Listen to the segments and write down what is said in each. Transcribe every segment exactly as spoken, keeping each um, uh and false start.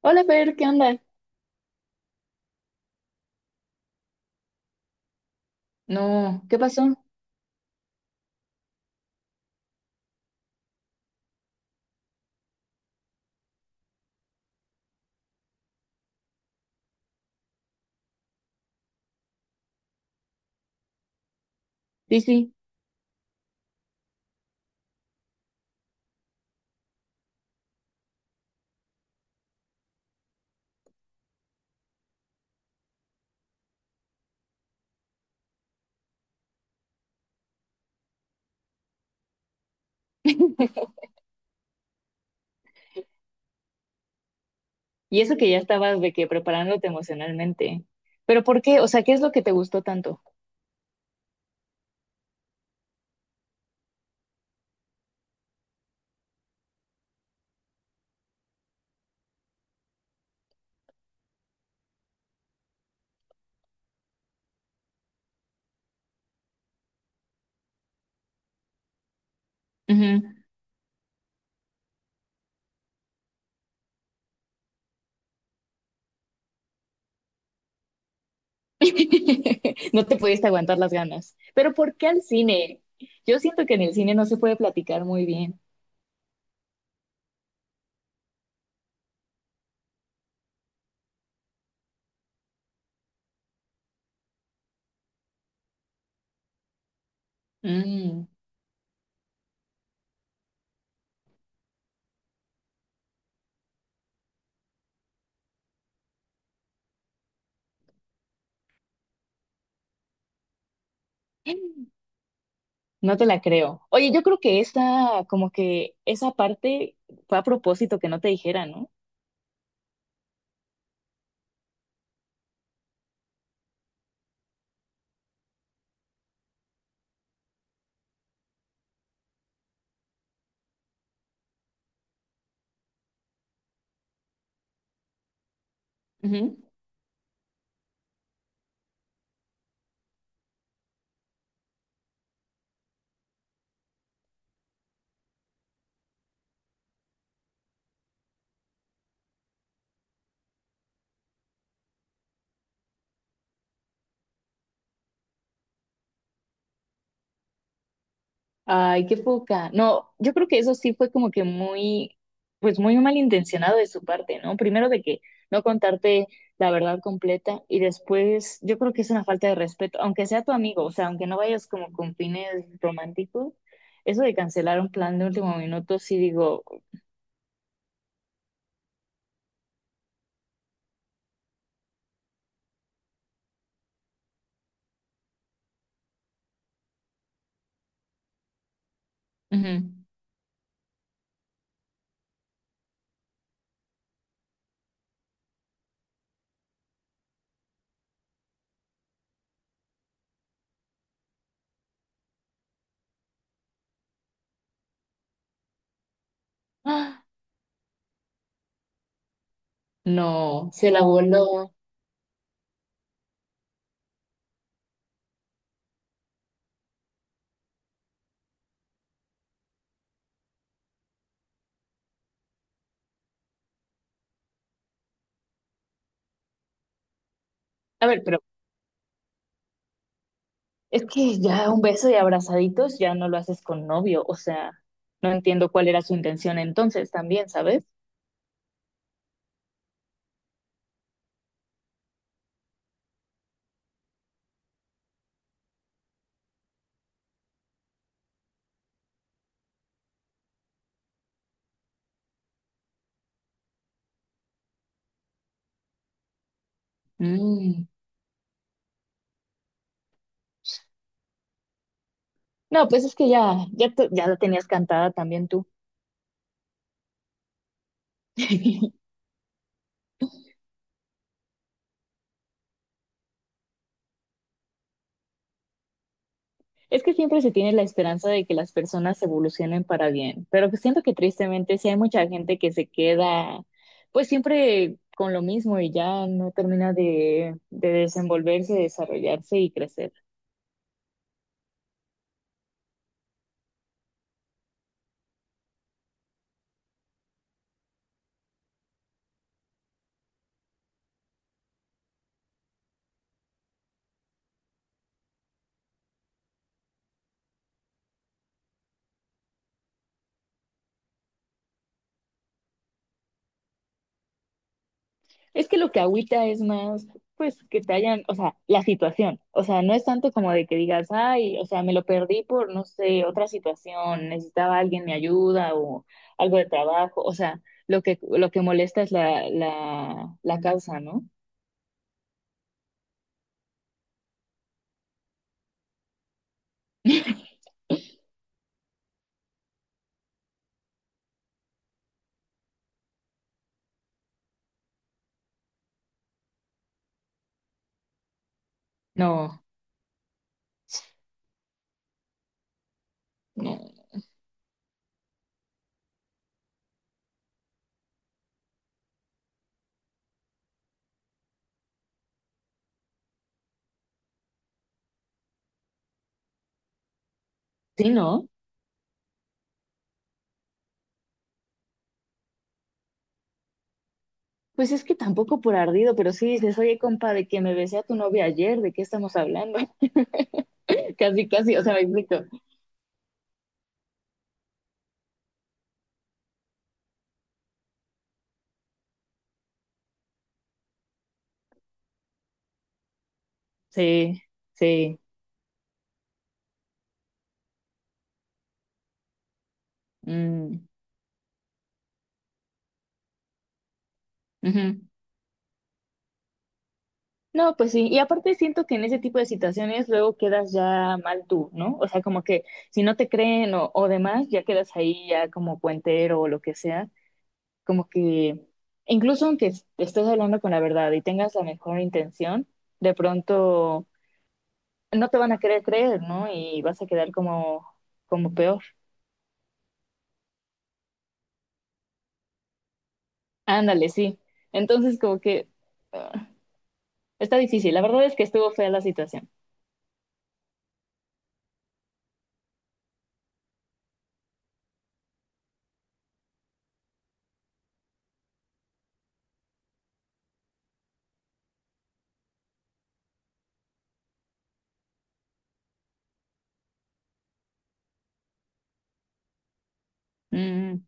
Hola, Fer, ¿qué onda? No, ¿qué pasó? Sí, sí. Y eso que ya estabas de que preparándote emocionalmente. ¿Pero por qué? O sea, ¿qué es lo que te gustó tanto? Ujú. No te pudiste aguantar las ganas. ¿Pero por qué al cine? Yo siento que en el cine no se puede platicar muy bien. Mm. No te la creo. Oye, yo creo que esa, como que esa parte fue a propósito que no te dijera, ¿no? Ay, qué poca. No, yo creo que eso sí fue como que muy, pues muy malintencionado de su parte, ¿no? Primero de que no contarte la verdad completa y después yo creo que es una falta de respeto, aunque sea tu amigo, o sea, aunque no vayas como con fines románticos, eso de cancelar un plan de último minuto, sí digo, ujú. ¡Ah! No, se la voló. A ver, pero es que ya un beso y abrazaditos ya no lo haces con novio, o sea, no entiendo cuál era su intención entonces también, ¿sabes? Mm. No, pues es que ya, ya, tú- ya la tenías cantada también tú. Es que siempre se tiene la esperanza de que las personas evolucionen para bien, pero que siento que tristemente sí hay mucha gente que se queda pues siempre con lo mismo y ya no termina de, de desenvolverse, desarrollarse y crecer. Es que lo que agüita es más, pues, que te hayan, o sea, la situación. O sea, no es tanto como de que digas, ay, o sea, me lo perdí por, no sé, otra situación, necesitaba alguien mi ayuda o algo de trabajo. O sea, lo que, lo que molesta es la, la, la causa, ¿no? No, no. Sí, no. Pues es que tampoco por ardido, pero sí dices, oye, compa, de que me besé a tu novia ayer, ¿de qué estamos hablando? Casi, casi, o sea, me explico. Sí, sí. Mm, ujú. No, pues sí, y aparte siento que en ese tipo de situaciones luego quedas ya mal tú, ¿no? O sea, como que si no te creen o, o demás, ya quedas ahí ya como puentero o lo que sea, como que incluso aunque es- estés hablando con la verdad y tengas la mejor intención, de pronto no te van a querer creer, ¿no? Y vas a quedar como, como peor. Ándale, sí. Entonces como que ah, está difícil. La verdad es que estuvo fea la situación. Mm,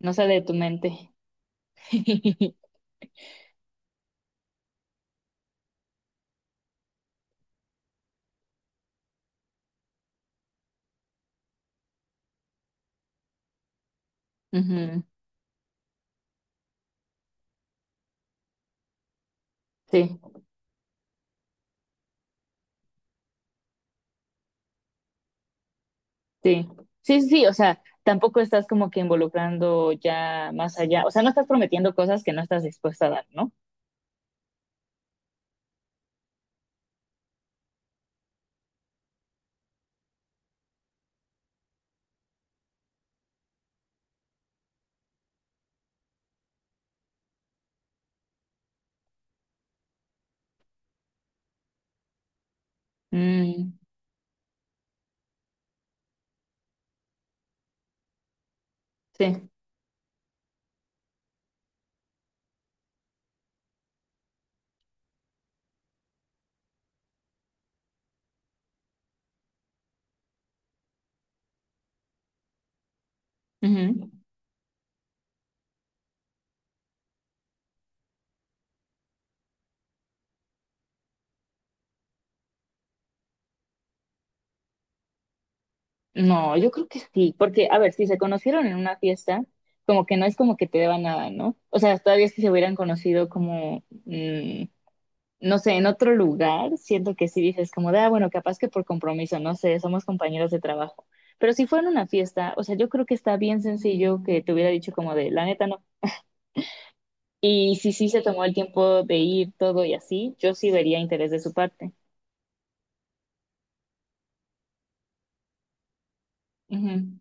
no sale de tu mente. Ujú. Sí. Sí, sí, sí, sí, o sea, tampoco estás como que involucrando ya más allá, o sea, no estás prometiendo cosas que no estás dispuesta a dar, ¿no? Mm, sí. Ujú. No, yo creo que sí, porque, a ver, si se conocieron en una fiesta, como que no es como que te deba nada, ¿no? O sea, todavía si se hubieran conocido como, mm, no sé, en otro lugar, siento que sí dices como de, ah, bueno, capaz que por compromiso, no sé, somos compañeros de trabajo. Pero si fuera en una fiesta, o sea, yo creo que está bien sencillo que te hubiera dicho como de, la neta, no. Y si sí se tomó el tiempo de ir todo y así, yo sí vería interés de su parte. Ujú.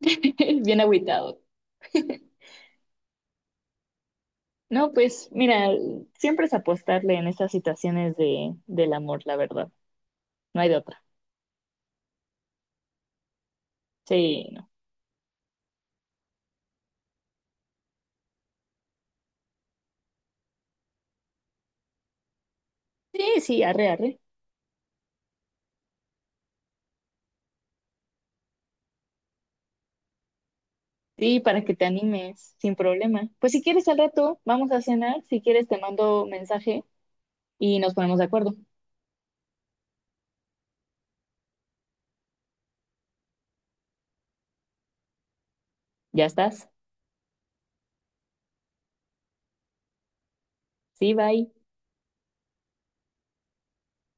Bien agüitado. No, pues mira, siempre es apostarle en estas situaciones de, del amor, la verdad. No hay de otra. Sí, no. Sí, sí, arre, arre. Sí, para que te animes, sin problema. Pues si quieres al rato, vamos a cenar. Si quieres, te mando mensaje y nos ponemos de acuerdo. Ya estás. Sí, bye.